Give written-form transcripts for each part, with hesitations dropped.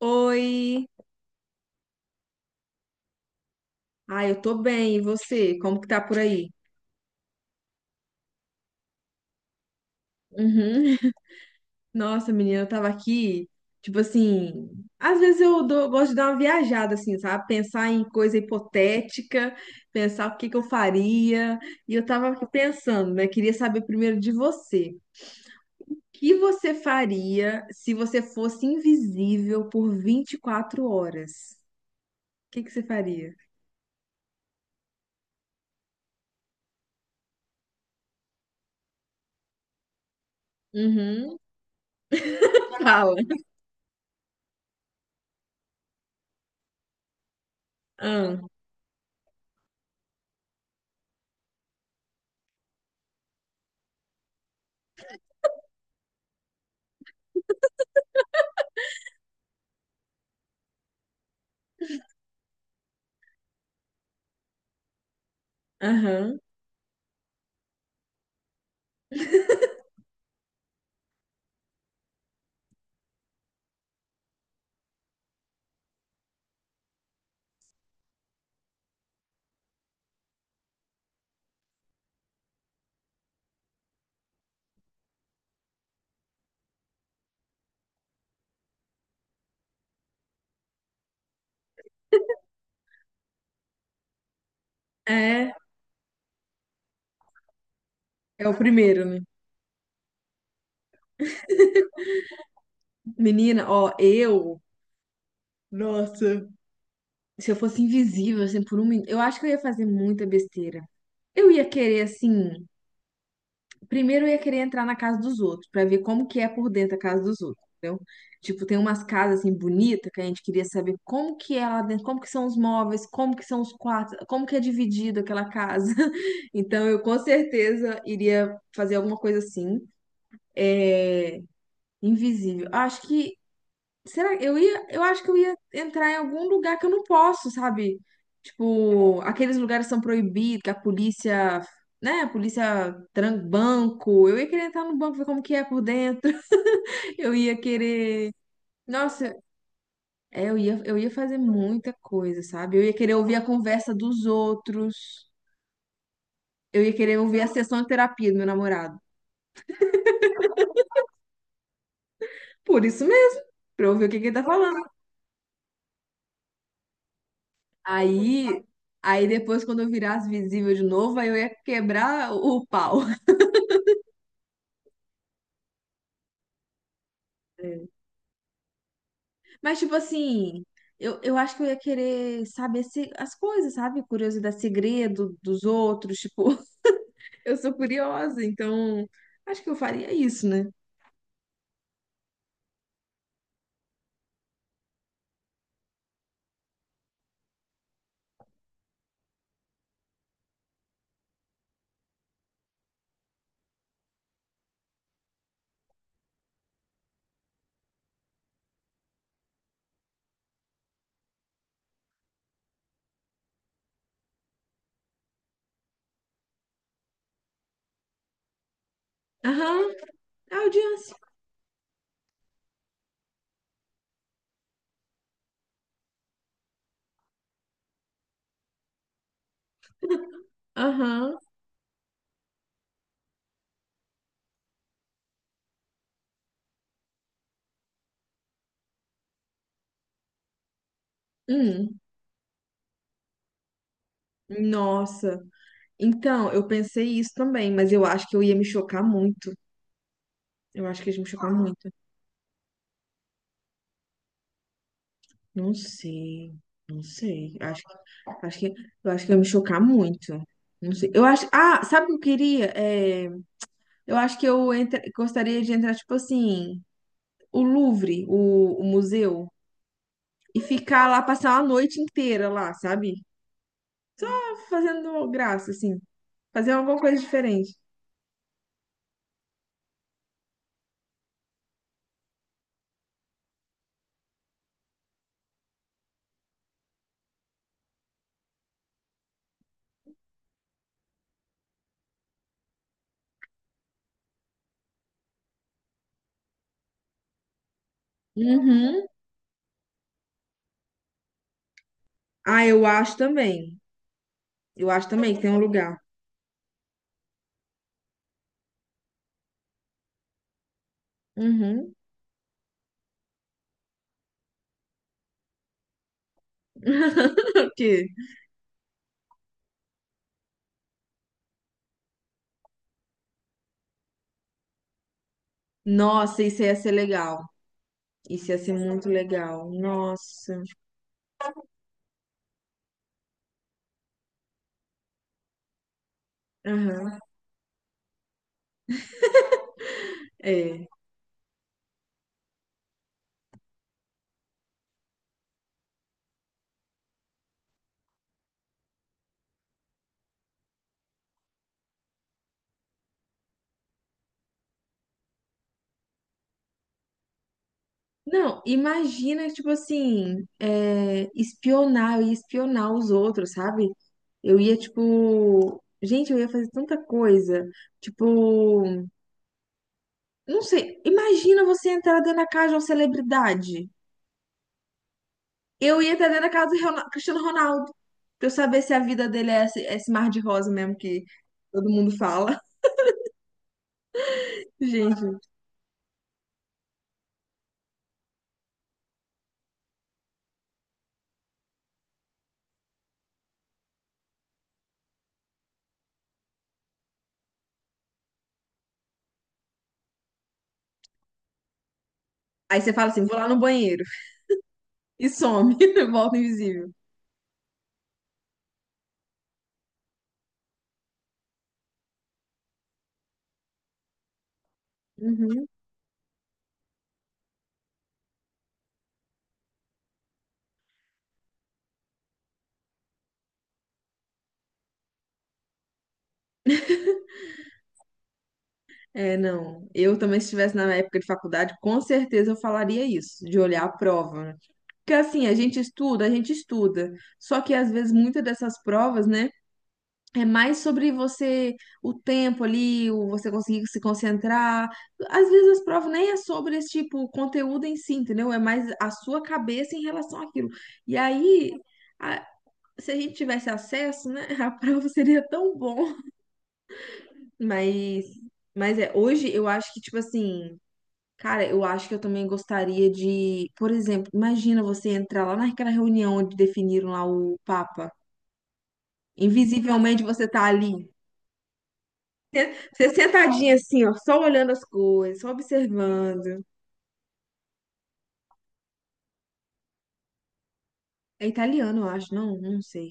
Oi! Ah, eu tô bem, e você? Como que tá por aí? Uhum. Nossa, menina, eu tava aqui, tipo assim, às vezes gosto de dar uma viajada, assim, sabe? Pensar em coisa hipotética, pensar o que que eu faria, e eu tava aqui pensando, né? Queria saber primeiro de você. O que você faria se você fosse invisível por 24 horas? O que que você faria? Uhum. Fala. Ah, aham. É, é o primeiro, né? Menina, ó, eu. Nossa. Se eu fosse invisível, assim, por um minuto. Eu acho que eu ia fazer muita besteira. Eu ia querer, assim. Primeiro, eu ia querer entrar na casa dos outros, pra ver como que é por dentro a casa dos outros, entendeu? Tipo, tem umas casas, assim, bonitas, que a gente queria saber como que é lá dentro, como que são os móveis, como que são os quartos, como que é dividido aquela casa. Então, eu com certeza iria fazer alguma coisa assim. É, invisível. Acho que Será que eu ia, eu acho que eu ia entrar em algum lugar que eu não posso, sabe? Tipo, aqueles lugares que são proibidos, que a polícia, né, a polícia tranca banco. Eu ia querer entrar no banco, ver como que é por dentro. Eu ia querer, nossa, é, eu ia fazer muita coisa, sabe? Eu ia querer ouvir a conversa dos outros. Eu ia querer ouvir a sessão de terapia do meu namorado. Por isso mesmo, pra eu ouvir o que que ele tá falando. Aí, aí depois quando eu virasse visível de novo, aí eu ia quebrar o pau. É. Mas, tipo assim, eu acho que eu ia querer saber se, as coisas, sabe? Curiosidade, segredo dos outros. Tipo, eu sou curiosa, então acho que eu faria isso, né? Aham, a audiência. Aham. Hum, nossa. Então, eu pensei isso também, mas eu acho que eu ia me chocar muito. Eu acho que ia me chocar muito. Não sei. Não sei. Acho, acho que, eu acho que ia me chocar muito. Não sei. Eu acho. Ah, sabe o que eu queria? É. Eu acho que gostaria de entrar, tipo assim, o Louvre, o museu, e ficar lá, passar uma noite inteira lá, sabe? Só Fazendo graça, assim, fazer alguma coisa diferente. Uhum. Ah, eu acho também. Eu acho também que tem um lugar. Uhum. O quê? Nossa, isso ia ser legal. Isso ia ser muito legal. Nossa. Aham. É. Não, imagina, tipo assim, é, espionar, eu ia espionar os outros, sabe? Eu ia, tipo. Gente, eu ia fazer tanta coisa. Tipo, não sei. Imagina você entrar dentro da casa de uma celebridade. Eu ia entrar dentro da casa do Cristiano Ronaldo. Pra eu saber se a vida dele é esse, esse mar de rosa mesmo que todo mundo fala. Gente. Aí você fala assim: vou lá no banheiro. E some, volta invisível. Uhum. É, não. Eu também, se estivesse na época de faculdade, com certeza eu falaria isso, de olhar a prova, né? Porque assim, a gente estuda, a gente estuda. Só que às vezes muitas dessas provas, né, é mais sobre você, o tempo ali, o você conseguir se concentrar. Às vezes as provas nem é sobre esse tipo, o conteúdo em si, entendeu? É mais a sua cabeça em relação àquilo. E aí, a- se a gente tivesse acesso, né, a prova seria tão bom. Mas, mas é, hoje eu acho que, tipo assim. Cara, eu acho que eu também gostaria de, por exemplo, imagina você entrar lá naquela reunião onde definiram lá o Papa. Invisivelmente você tá ali. Você sentadinha assim, ó, só olhando as coisas, só observando. É italiano, eu acho, não, não sei.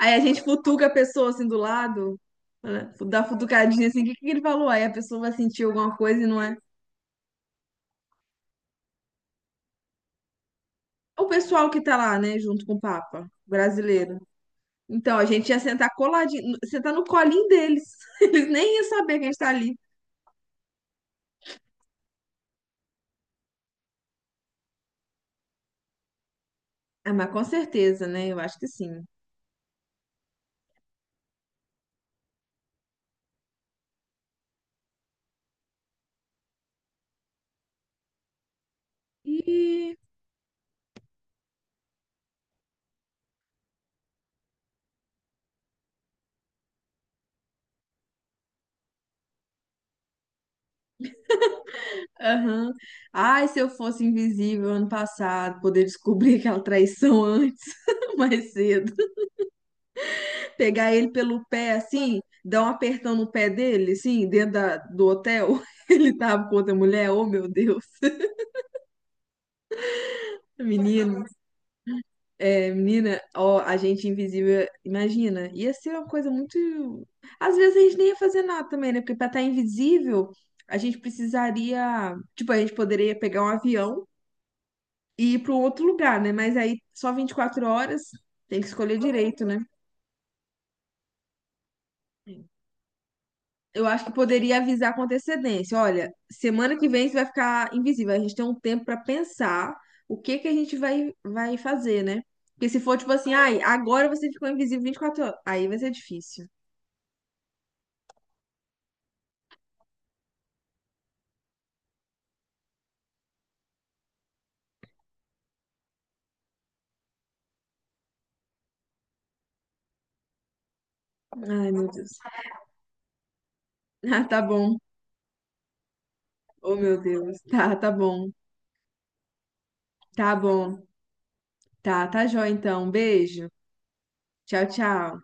Aí a gente futuca a pessoa assim do lado, né? Dá uma futucadinha assim, o que que ele falou? Aí a pessoa vai sentir alguma coisa e não é. É o pessoal que tá lá, né, junto com o Papa, brasileiro. Então, a gente ia sentar coladinho, sentar no colinho deles. Eles nem iam saber que a gente tá ali. Ah, mas com certeza, né? Eu acho que sim. Ih, aham. Ai, se eu fosse invisível ano passado, poder descobrir aquela traição antes, mais cedo. Pegar ele pelo pé, assim, dar um apertão no pé dele, assim, do hotel. Ele tava com outra mulher, oh meu Deus, menino. É, menina, ó, a gente invisível, imagina, ia ser uma coisa muito. Às vezes a gente nem ia fazer nada também, né? Porque pra estar invisível, a gente precisaria. Tipo, a gente poderia pegar um avião e ir para um outro lugar, né? Mas aí só 24 horas, tem que escolher direito, né? Eu acho que poderia avisar com antecedência: olha, semana que vem você vai ficar invisível. A gente tem um tempo pra pensar o que que a gente vai fazer, né? Porque se for tipo assim, ai, agora você ficou invisível 24 horas, aí vai ser difícil. Ai, meu Deus. Ah, tá bom. Oh, meu Deus. Tá, tá bom. Tá bom. Tá, tá jóia então. Beijo. Tchau, tchau.